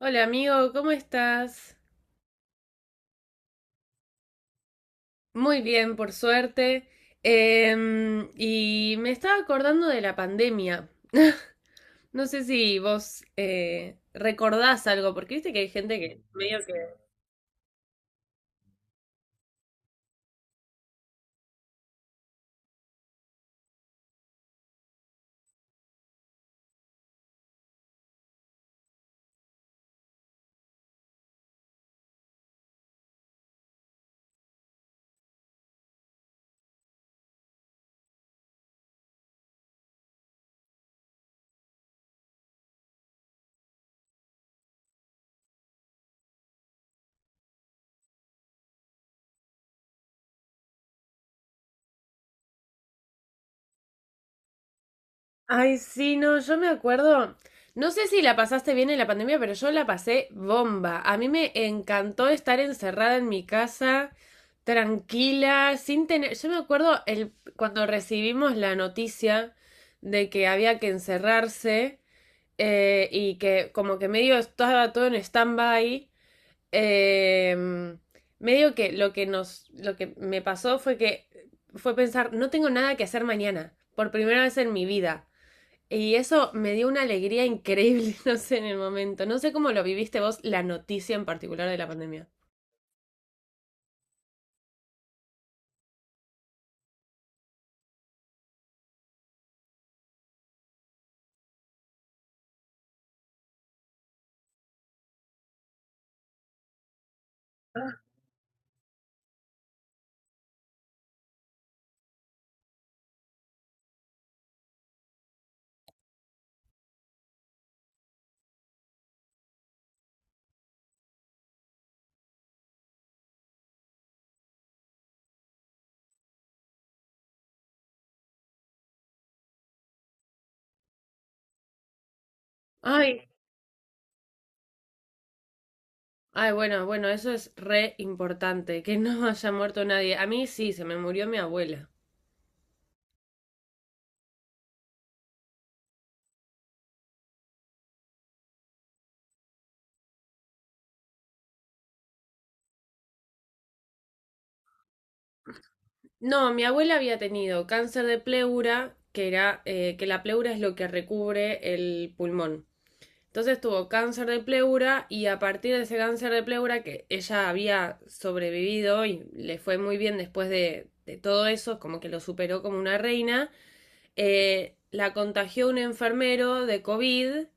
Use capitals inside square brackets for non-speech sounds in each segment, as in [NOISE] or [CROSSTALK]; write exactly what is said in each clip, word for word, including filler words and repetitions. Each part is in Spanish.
Hola amigo, ¿cómo estás? Muy bien, por suerte. Em, y me estaba acordando de la pandemia. [LAUGHS] No sé si vos eh, recordás algo, porque viste que hay gente que medio que... Ay, sí, no, yo me acuerdo. No sé si la pasaste bien en la pandemia, pero yo la pasé bomba. A mí me encantó estar encerrada en mi casa, tranquila, sin tener. Yo me acuerdo el... cuando recibimos la noticia de que había que encerrarse. Eh, y que como que medio estaba todo en stand-by. eh, Medio que lo que nos, lo que me pasó fue que fue pensar, no tengo nada que hacer mañana, por primera vez en mi vida. Y eso me dio una alegría [LAUGHS] increíble, no sé, en el momento. No sé cómo lo viviste vos, la noticia en particular de la pandemia. Ay, ay, bueno, bueno, eso es re importante, que no haya muerto nadie. A mí sí, se me murió mi abuela. No, mi abuela había tenido cáncer de pleura, que era eh, que la pleura es lo que recubre el pulmón. Entonces tuvo cáncer de pleura y a partir de ese cáncer de pleura que ella había sobrevivido y le fue muy bien después de, de todo eso, como que lo superó como una reina, eh, la contagió un enfermero de COVID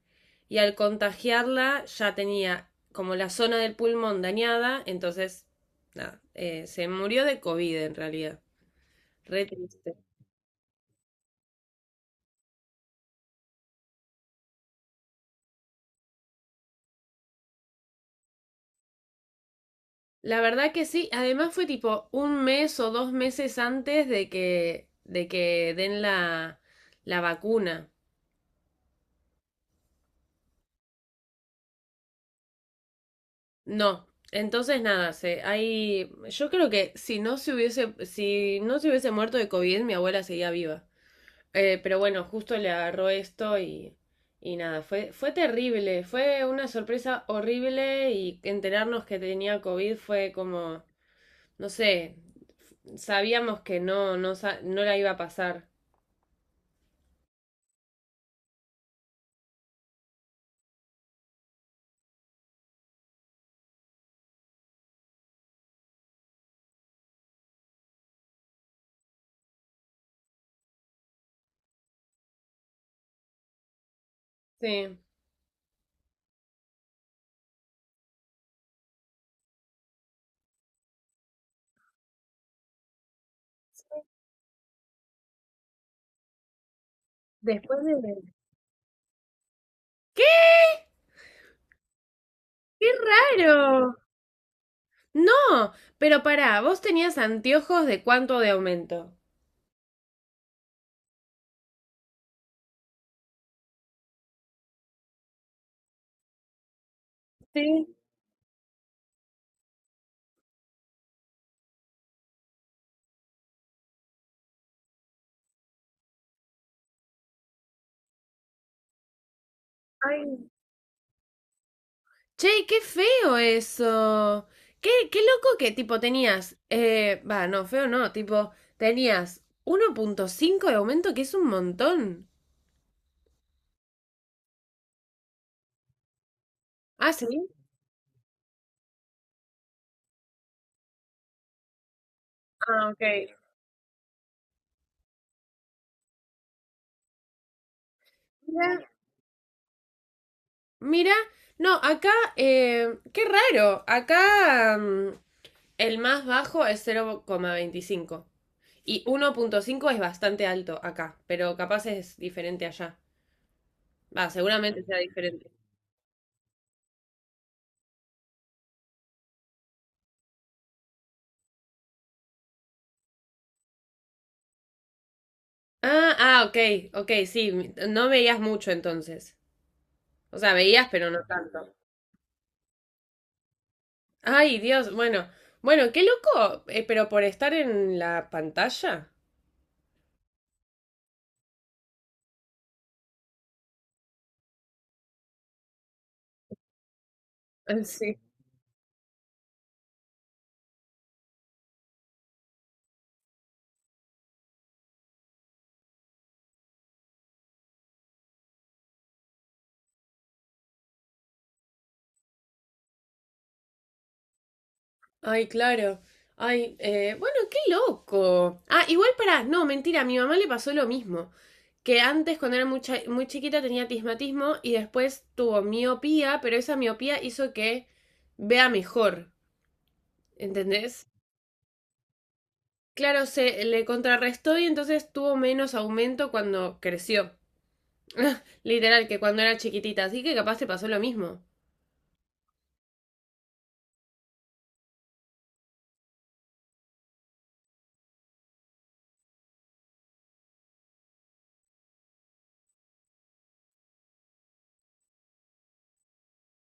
y al contagiarla ya tenía como la zona del pulmón dañada, entonces nada, eh, se murió de COVID en realidad. Re triste. La verdad que sí, además fue tipo un mes o dos meses antes de que, de que den la, la vacuna. No, entonces nada, se, hay, yo creo que si no se hubiese, si no se hubiese muerto de COVID, mi abuela seguía viva. Eh, pero bueno, justo le agarró esto y, y nada, fue, fue terrible, fue una sorpresa horrible y enterarnos que tenía COVID fue como... no sé, sabíamos que no, no, no la iba a pasar. Sí. Después de... ¿Qué? ¡Qué raro! No, pero pará, vos tenías anteojos de cuánto de aumento. Sí. Ay, che, qué feo eso. Qué, qué loco que tipo tenías. Eh, va, no, feo no, tipo, tenías uno punto cinco de aumento, que es un montón. Ah, sí. Ah, ok. Mira, mira, no, acá, eh, qué raro, acá mm, el más bajo es cero coma veinticinco y uno punto cinco es bastante alto acá, pero capaz es diferente allá. Va, seguramente sea diferente. Ah, ah, ok, ok, sí, mi- no veías mucho entonces. O sea, veías, pero no tanto. Ay, Dios, bueno, bueno, qué loco, eh, pero por estar en la pantalla. [LAUGHS] Sí. Ay, claro. Ay, eh, bueno, qué loco. Ah, igual para, no, mentira, a mi mamá le pasó lo mismo. Que antes, cuando era muy, cha- muy chiquita, tenía tismatismo y después tuvo miopía, pero esa miopía hizo que vea mejor, ¿entendés? Claro, se le contrarrestó y entonces tuvo menos aumento cuando creció. [LAUGHS] Literal, que cuando era chiquitita. Así que capaz te pasó lo mismo.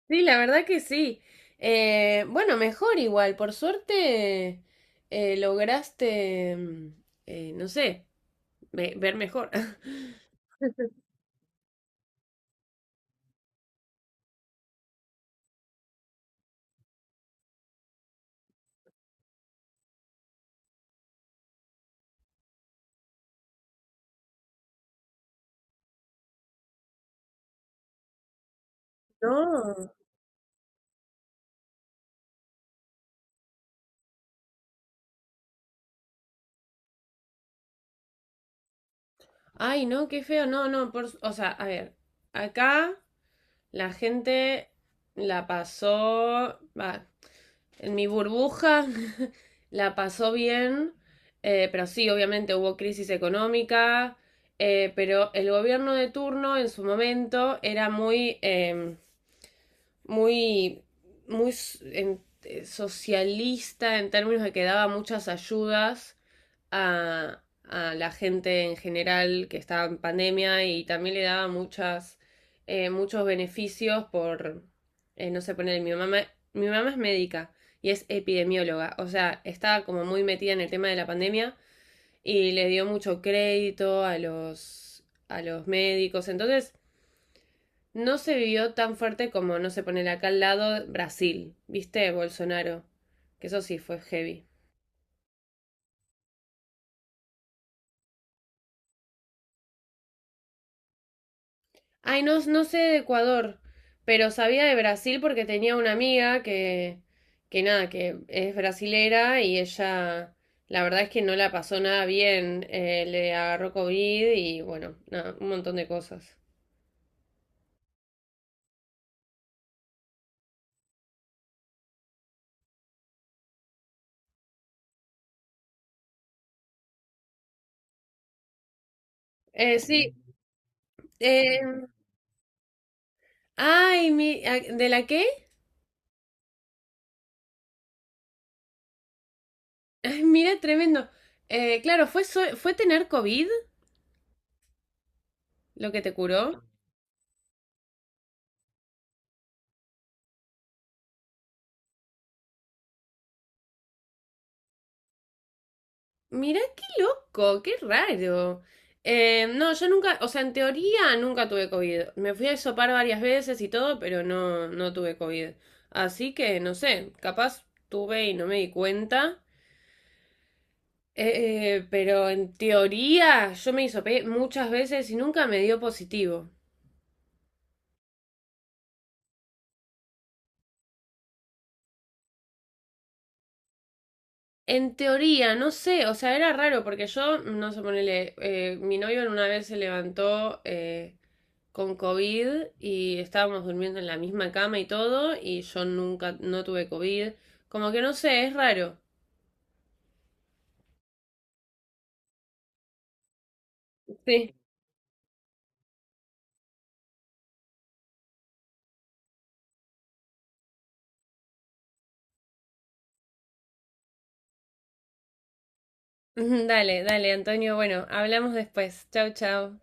Sí, la verdad que sí. Eh, bueno, mejor igual. Por suerte eh, lograste, mm, eh, no sé, ve- ver mejor. [LAUGHS] No. Ay, no, qué feo. No, no, por, s- o sea, a ver, acá la gente la pasó, va, en mi burbuja [LAUGHS] la pasó bien, eh, pero sí, obviamente hubo crisis económica, eh, pero el gobierno de turno en su momento era muy... em, muy, muy en, eh, socialista en términos de que daba muchas ayudas a, a, la gente en general que estaba en pandemia y también le daba muchas, eh, muchos beneficios por, eh, no sé, poner mi mamá, mi mamá es médica y es epidemióloga, o sea, estaba como muy metida en el tema de la pandemia y le dio mucho crédito a los, a los médicos, entonces no se vivió tan fuerte como, no se pone acá al lado Brasil, ¿viste? Bolsonaro, que eso sí fue heavy. Ay, no, no sé de Ecuador, pero sabía de Brasil porque tenía una amiga que, que nada, que es brasilera y ella, la verdad es que no la pasó nada bien, eh, le agarró COVID y bueno, nada, un montón de cosas. Eh, sí, eh, ay, mi, ah, ¿de la qué? Ay, mira, tremendo. Eh, claro, fue, so- fue tener COVID lo que te curó. Mirá qué loco, qué raro. Eh, no, yo nunca, o sea, en teoría nunca tuve COVID. Me fui a hisopar varias veces y todo, pero no, no tuve COVID. Así que no sé, capaz tuve y no me di cuenta. Eh, eh, pero en teoría yo me hisopé muchas veces y nunca me dio positivo. En teoría, no sé, o sea, era raro porque yo, no sé, ponele, eh, mi novio en una vez se levantó eh, con COVID y estábamos durmiendo en la misma cama y todo, y yo nunca, no tuve COVID. Como que no sé, es raro. Sí. [LAUGHS] Dale, dale, Antonio, bueno, hablamos después. Chau, chau.